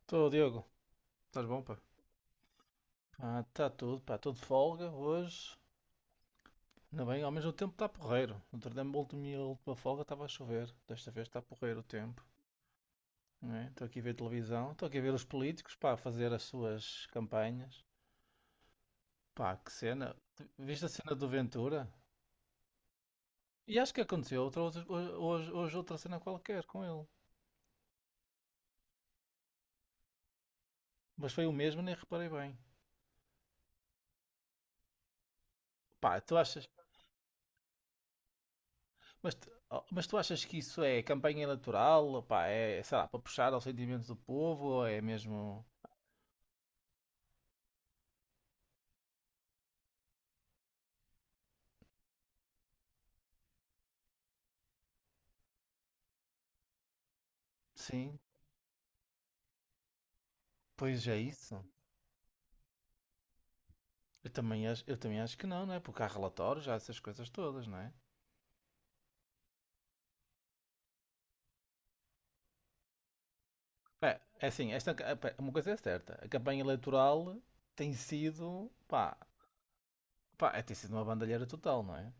Estou, Diogo. Estás bom, pá? Ah, está tudo, pá. Estou de folga hoje. Ainda bem, ao menos o tempo está porreiro. Outro dia, a última folga estava a chover. Desta vez está porreiro o tempo. Não é? Estou aqui a ver televisão. Estou aqui a ver os políticos, pá, a fazer as suas campanhas. Pá, que cena. Viste a cena do Ventura? E acho que aconteceu outra, hoje, hoje outra cena qualquer com ele. Mas foi o mesmo, nem reparei bem. Pá, tu achas, mas, oh, mas tu achas que isso é campanha eleitoral? Pá, é, é, sei lá, para puxar aos sentimentos do povo? Ou é mesmo. Sim, pois é isso. Eu também acho que não, não é? Porque há relatórios, há essas coisas todas, não é? É, é assim, esta, pá, uma coisa é certa: a campanha eleitoral tem sido. Pá, pá, é, tem sido uma bandalheira total, não é?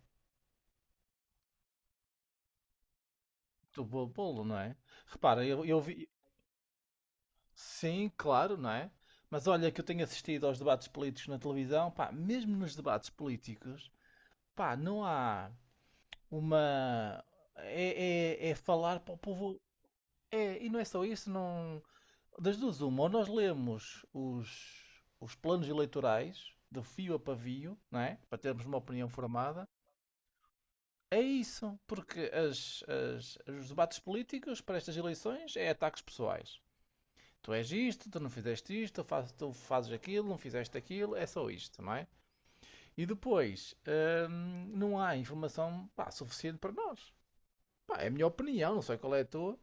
Do bolo, não é? Repara, eu vi. Sim, claro, não é? Mas olha que eu tenho assistido aos debates políticos na televisão, pá, mesmo nos debates políticos. Pá, não há uma. É, é, é falar para o povo. É, e não é só isso, não. Das duas, uma, ou nós lemos os planos eleitorais de fio a pavio, não é? Para termos uma opinião formada. É isso, porque as, os debates políticos para estas eleições é ataques pessoais. Tu és isto, tu não fizeste isto, tu, tu fazes aquilo, não fizeste aquilo, é só isto, não é? E depois, não há informação pá, suficiente para nós. Pá, é a minha opinião, não sei qual é a tua.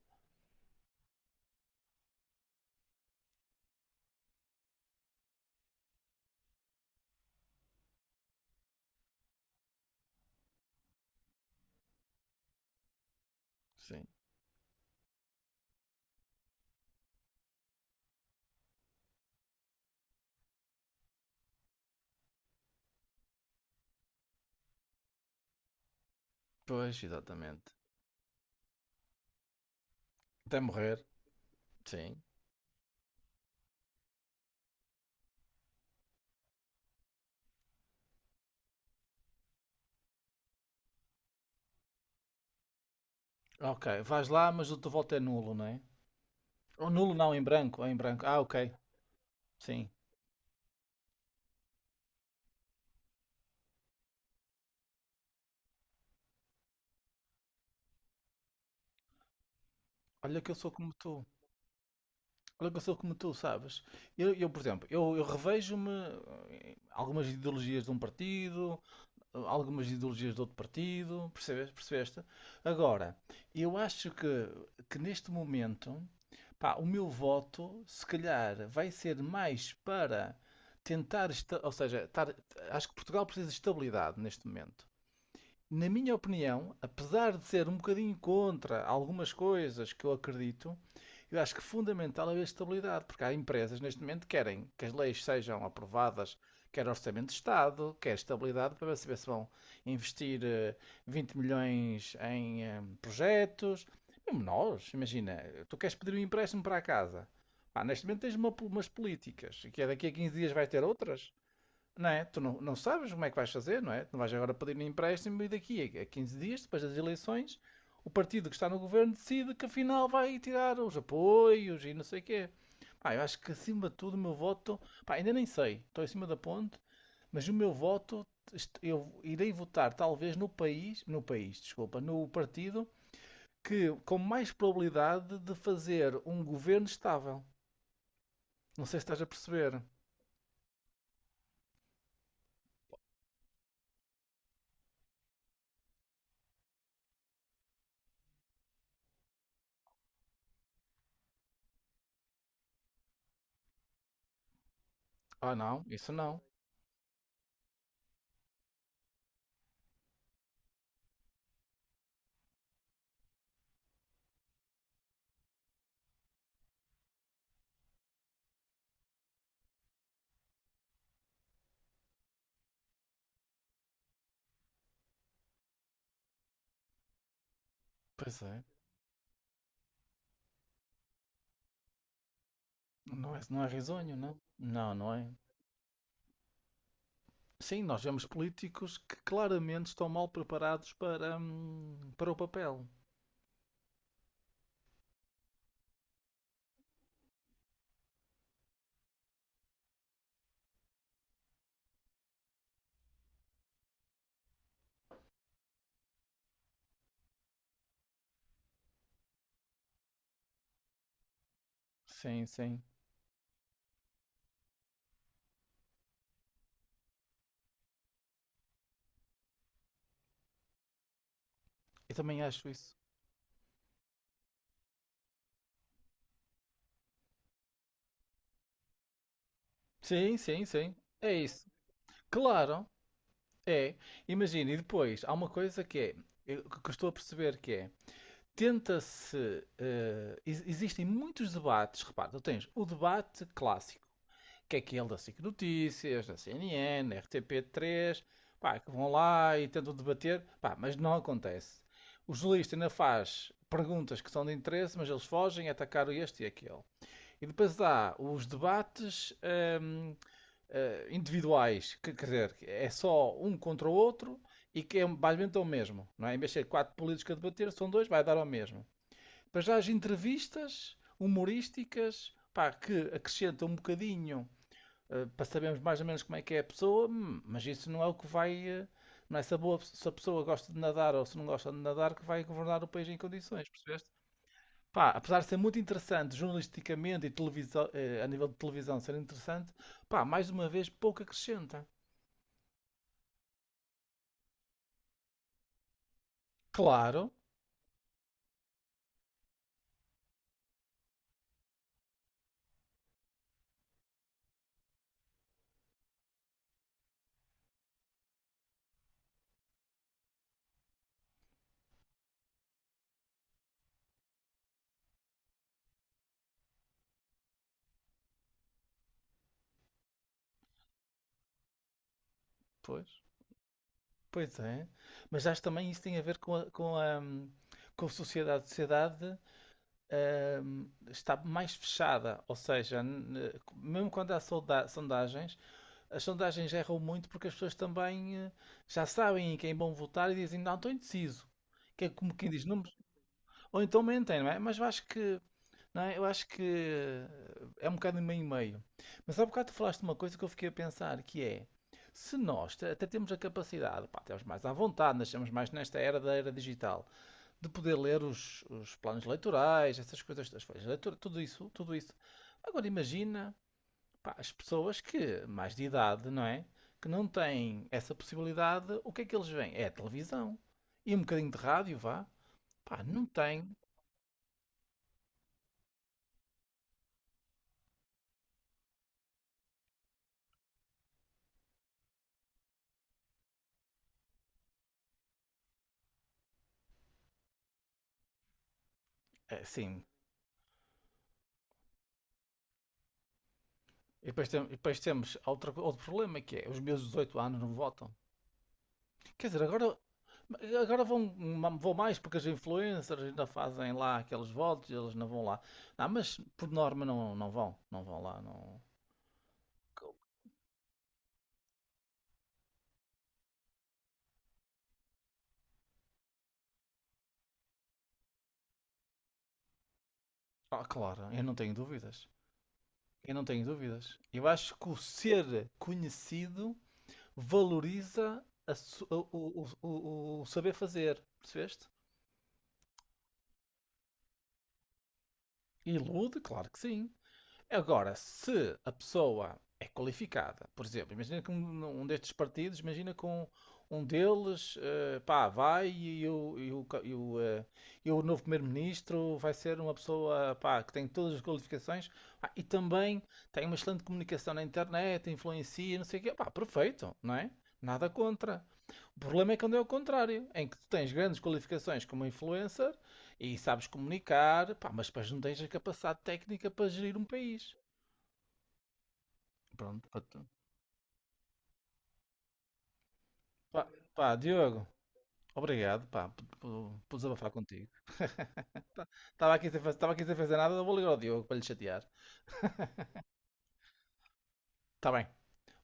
Sim. Pois, exatamente. Até morrer. Sim. Ok, vais lá, mas o teu voto é nulo, não é? Ou nulo não, em branco, ou em branco. Ah, ok. Sim. Olha que eu sou como tu. Olha que eu sou como tu, sabes? Eu, por exemplo, eu revejo-me em algumas ideologias de um partido, algumas ideologias de outro partido, percebes? Percebeste? Agora, eu acho que neste momento, pá, o meu voto, se calhar, vai ser mais para tentar, ou seja, acho que Portugal precisa de estabilidade neste momento. Na minha opinião, apesar de ser um bocadinho contra algumas coisas que eu acredito, eu acho que fundamental é a estabilidade, porque há empresas neste momento que querem que as leis sejam aprovadas, quer Orçamento de Estado, quer estabilidade, para saber se vão investir 20 milhões em projetos. Mesmo nós, imagina, tu queres pedir um empréstimo para a casa. Ah, neste momento tens umas políticas, que é daqui a 15 dias vais ter outras. Não é? Tu não, não sabes como é que vais fazer, não é? Tu não vais agora pedir um empréstimo e daqui a 15 dias, depois das eleições, o partido que está no governo decide que afinal vai tirar os apoios e não sei o quê. Pá, eu acho que acima de tudo o meu voto. Pá, ainda nem sei, estou em cima da ponte, mas o meu voto, eu irei votar talvez no país, desculpa, no partido que com mais probabilidade de fazer um governo estável. Não sei se estás a perceber. Ah, não, isso não. Pois é. Não é, não é risonho, não? Não, não é? Sim, nós vemos políticos que claramente estão mal preparados para, para o papel. Sim, sim. Eu também acho isso. Sim, sim, sim. É isso. Claro, é. Imagina, e depois há uma coisa que é, que eu estou a perceber que é, tenta-se, existem muitos debates, repara, tu tens o debate clássico, que é aquele da SIC Notícias, da CNN, da RTP3, pá, que vão lá e tentam debater, pá, mas não acontece. O jornalista ainda faz perguntas que são de interesse, mas eles fogem a atacar este e aquele. E depois há os debates hum, individuais, que, quer dizer, é só um contra o outro e que é basicamente o mesmo. Não é? Em vez de ser quatro políticos a debater, são dois, vai dar ao mesmo. Depois já as entrevistas humorísticas, pá, que acrescentam um bocadinho para sabermos mais ou menos como é que é a pessoa, mas isso não é o que vai. Não é se se a pessoa gosta de nadar ou se não gosta de nadar que vai governar o país em condições, percebeste? Pá, apesar de ser muito interessante jornalisticamente e televisão, a nível de televisão ser interessante, pá, mais uma vez pouco acrescenta. Claro, pois, pois é. Mas acho também isso tem a ver com a, com a sociedade. A sociedade está mais fechada, ou seja, mesmo quando há sondagens, as sondagens erram muito porque as pessoas também já sabem em quem vão votar e dizem, não, estou indeciso. Que é como quem diz, não, ou então mentem, não é? Mas eu acho que, não é? Eu acho que é um bocado meio e meio. Mas há bocado tu falaste de uma coisa que eu fiquei a pensar, que é, se nós até temos a capacidade, pá, temos mais à vontade, nascemos mais nesta era da era digital, de poder ler os planos eleitorais, essas coisas, as folhas de leitura, tudo isso. Agora imagina pá, as pessoas que, mais de idade, não é? Que não têm essa possibilidade, o que é que eles veem? É a televisão. E um bocadinho de rádio, vá. Pá, não tem. É, sim. E depois, e depois temos outro problema que é os meus 18 anos não votam. Quer dizer, agora, agora vão, vão mais porque as influencers ainda fazem lá aqueles votos e eles não vão lá. Não, mas por norma não, não vão. Não vão lá. Não... Ah, claro, eu não tenho dúvidas. Eu não tenho dúvidas. Eu acho que o ser conhecido valoriza a o saber fazer, percebeste? Ilude, claro que sim. Agora, se a pessoa é qualificada, por exemplo, imagina que um destes partidos, imagina que um deles, pá, vai e e o novo primeiro-ministro vai ser uma pessoa, pá, que tem todas as qualificações, pá, e também tem uma excelente comunicação na internet, influencia, não sei o quê, pá, perfeito, não é? Nada contra. O problema é quando é o contrário, em que tu tens grandes qualificações como influencer e sabes comunicar, pá, mas depois não tens a capacidade técnica para gerir um país. Pronto, para tu. Pá, Diogo, obrigado, pá, por desabafar contigo. Estava aqui, sem faz- tava aqui sem fazer nada, eu vou ligar ao Diogo para lhe chatear. Está bem.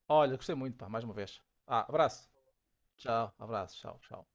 Olha, gostei muito, pá, mais uma vez. Ah, abraço. Tchau, abraço, tchau, tchau.